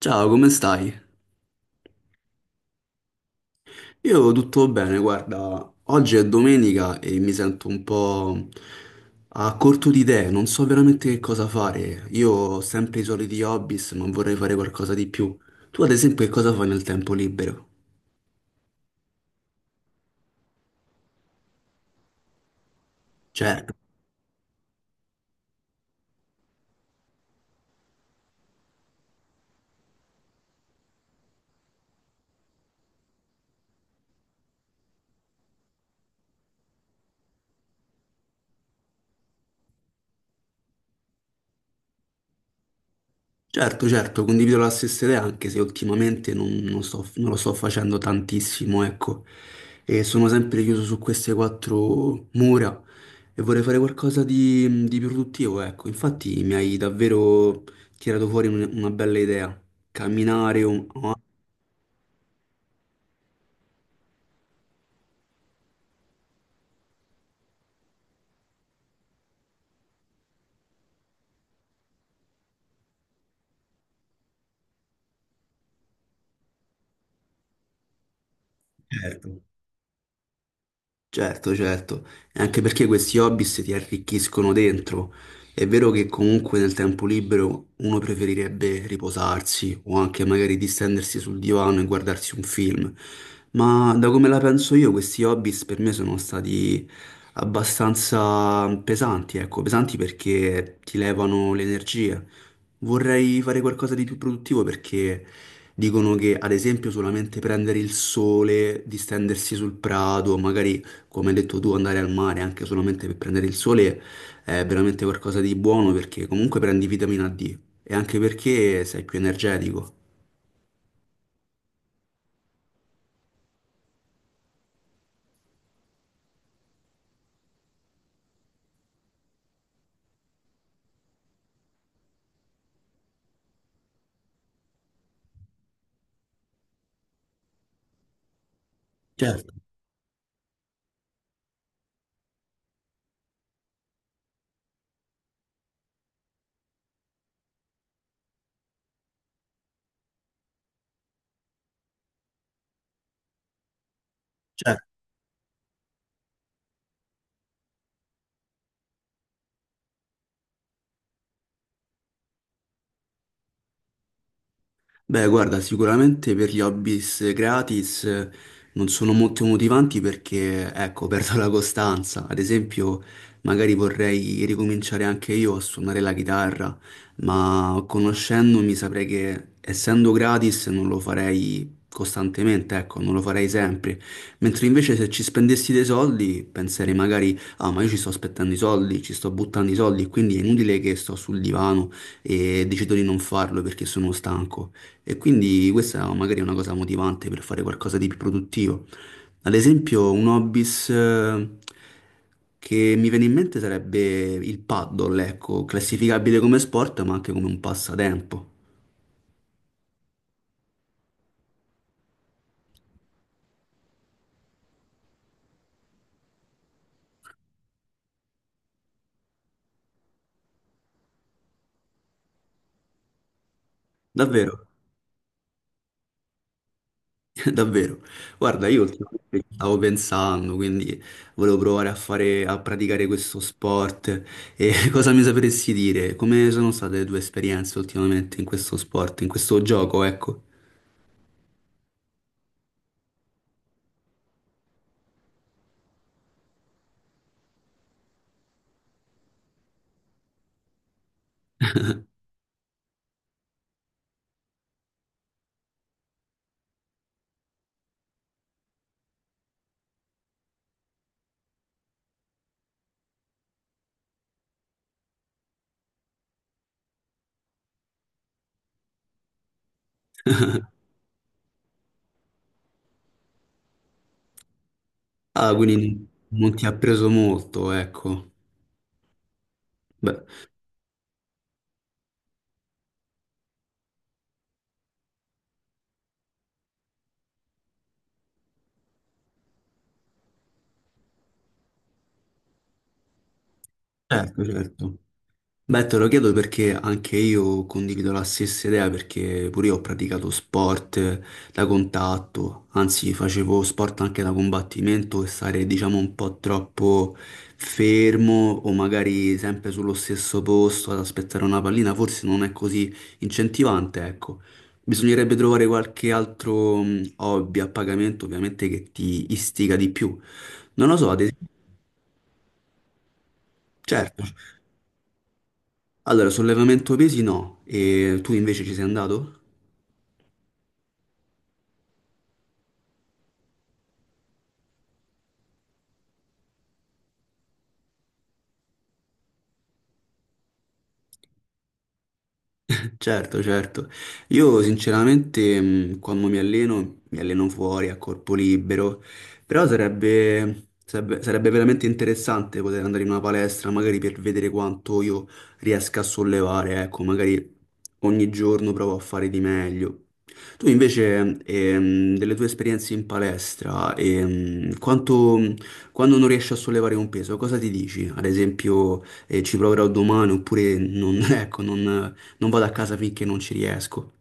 Ciao, come stai? Io tutto bene, guarda, oggi è domenica e mi sento un po' a corto di idee, non so veramente che cosa fare. Io ho sempre i soliti hobby, ma vorrei fare qualcosa di più. Tu, ad esempio, che cosa fai nel tempo libero? Cioè. Certo, certo, condivido la stessa idea, anche se ultimamente non lo sto facendo tantissimo, ecco. E sono sempre chiuso su queste quattro mura e vorrei fare qualcosa di più produttivo, ecco. Infatti mi hai davvero tirato fuori una bella idea. Camminare, un... Certo. Certo, certo, e anche perché questi hobby ti arricchiscono dentro. È vero che comunque nel tempo libero uno preferirebbe riposarsi o anche magari distendersi sul divano e guardarsi un film, ma da come la penso io questi hobby per me sono stati abbastanza pesanti, ecco, pesanti perché ti levano le energie. Vorrei fare qualcosa di più produttivo perché dicono che ad esempio solamente prendere il sole, distendersi sul prato, magari come hai detto tu, andare al mare anche solamente per prendere il sole è veramente qualcosa di buono perché comunque prendi vitamina D e anche perché sei più energetico. Certo, certo. Beh, guarda, sicuramente per gli hobbies gratis non sono molto motivanti perché, ecco, perdo la costanza. Ad esempio, magari vorrei ricominciare anche io a suonare la chitarra, ma conoscendomi saprei che essendo gratis non lo farei costantemente, ecco, non lo farei sempre. Mentre invece se ci spendessi dei soldi, penserei magari, ah, ma io ci sto aspettando i soldi, ci sto buttando i soldi, quindi è inutile che sto sul divano e decido di non farlo perché sono stanco. E quindi questa è magari è una cosa motivante per fare qualcosa di più produttivo. Ad esempio, un hobbies che mi viene in mente sarebbe il paddle, ecco, classificabile come sport, ma anche come un passatempo. Davvero, davvero. Guarda, io ultimamente ci stavo pensando, quindi volevo provare a fare, a praticare questo sport. E cosa mi sapresti dire? Come sono state le tue esperienze ultimamente in questo sport, in questo gioco, ecco? Ah, quindi non ti ha preso molto, ecco. Beh, certo, certo. Beh, te lo chiedo perché anche io condivido la stessa idea, perché pure io ho praticato sport da contatto, anzi facevo sport anche da combattimento e stare diciamo un po' troppo fermo o magari sempre sullo stesso posto ad aspettare una pallina forse non è così incentivante, ecco. Bisognerebbe trovare qualche altro hobby a pagamento ovviamente che ti istiga di più. Non lo so, certo. Allora, sollevamento pesi no, e tu invece ci sei andato? Certo, certo. Io sinceramente quando mi alleno fuori a corpo libero, però sarebbe veramente interessante poter andare in una palestra, magari per vedere quanto io riesca a sollevare, ecco, magari ogni giorno provo a fare di meglio. Tu invece, delle tue esperienze in palestra, quando non riesci a sollevare un peso, cosa ti dici? Ad esempio, ci proverò domani oppure non, ecco, non, non vado a casa finché non ci riesco.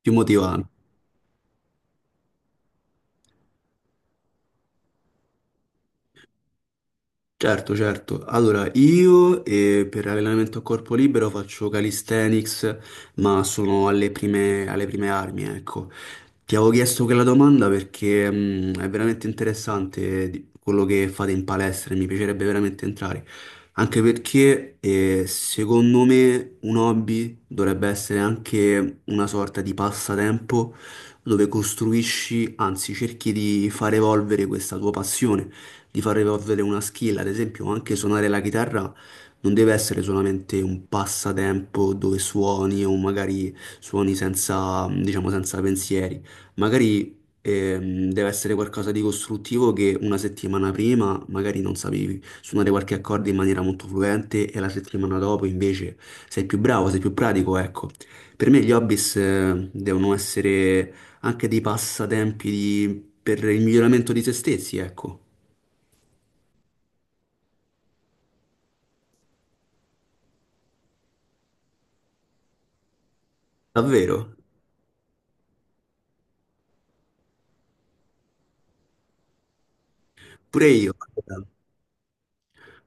Più motivante. Certo, certo. Allora, io per allenamento a corpo libero faccio calisthenics, ma sono alle prime armi, ecco. Ti avevo chiesto quella domanda perché è veramente interessante quello che fate in palestra e mi piacerebbe veramente entrare. Anche perché secondo me un hobby dovrebbe essere anche una sorta di passatempo dove costruisci, anzi cerchi di far evolvere questa tua passione di far evolvere una skill, ad esempio anche suonare la chitarra non deve essere solamente un passatempo dove suoni o magari suoni senza, diciamo, senza pensieri, magari deve essere qualcosa di costruttivo che una settimana prima magari non sapevi suonare qualche accordo in maniera molto fluente e la settimana dopo invece sei più bravo, sei più pratico, ecco. Per me gli hobbies devono essere anche dei passatempi per il miglioramento di se stessi, ecco. Davvero? Pure io.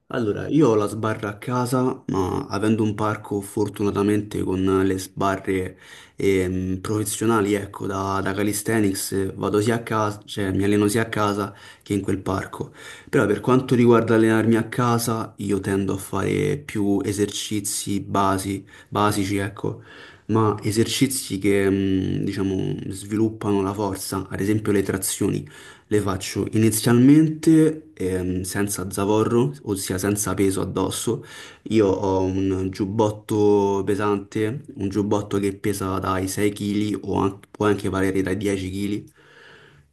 Allora, io ho la sbarra a casa, ma avendo un parco fortunatamente con le sbarre professionali, ecco, da calisthenics, vado sia a casa, cioè mi alleno sia a casa che in quel parco. Però per quanto riguarda allenarmi a casa, io tendo a fare più esercizi basici, ecco, ma esercizi che, mm, diciamo, sviluppano la forza, ad esempio le trazioni. Le faccio inizialmente senza zavorro, ossia senza peso addosso. Io ho un giubbotto pesante, un giubbotto che pesa dai 6 kg o può anche valere dai 10 kg.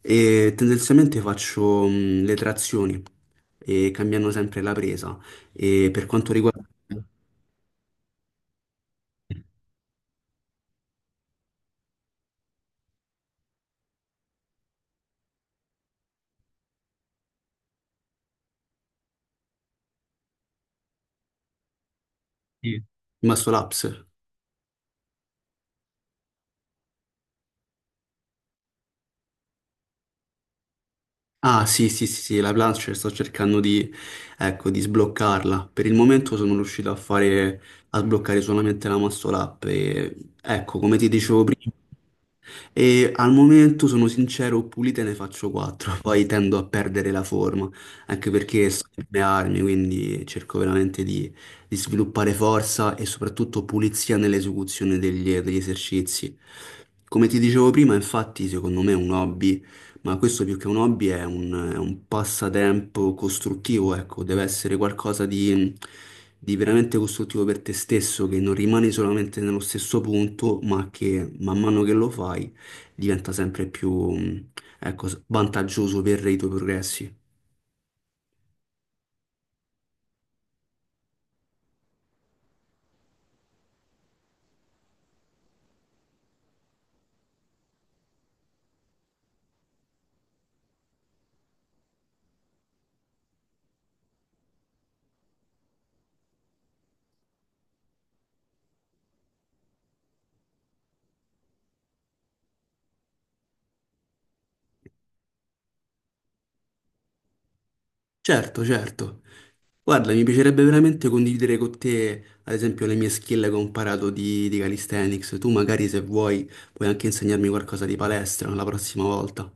E tendenzialmente faccio le trazioni, e cambiando sempre la presa. E per quanto riguarda... Sì. Il muscle ups. Ah, sì, sì, sì, sì, la Plancher sto cercando di, ecco, di sbloccarla. Per il momento sono riuscito a fare, a sbloccare solamente la muscle up e, ecco, come ti dicevo prima, e al momento sono sincero, pulite ne faccio quattro, poi tendo a perdere la forma, anche perché sto per le armi, quindi cerco veramente di sviluppare forza e soprattutto pulizia nell'esecuzione degli esercizi. Come ti dicevo prima, infatti, secondo me è un hobby, ma questo più che un hobby è è un passatempo costruttivo, ecco, deve essere qualcosa di veramente costruttivo per te stesso, che non rimani solamente nello stesso punto, ma che man mano che lo fai diventa sempre più, ecco, s- vantaggioso per i tuoi progressi. Certo, certo. Guarda, mi piacerebbe veramente condividere con te, ad esempio, le mie skill che ho imparato di calisthenics. Tu magari se vuoi puoi anche insegnarmi qualcosa di palestra la prossima volta.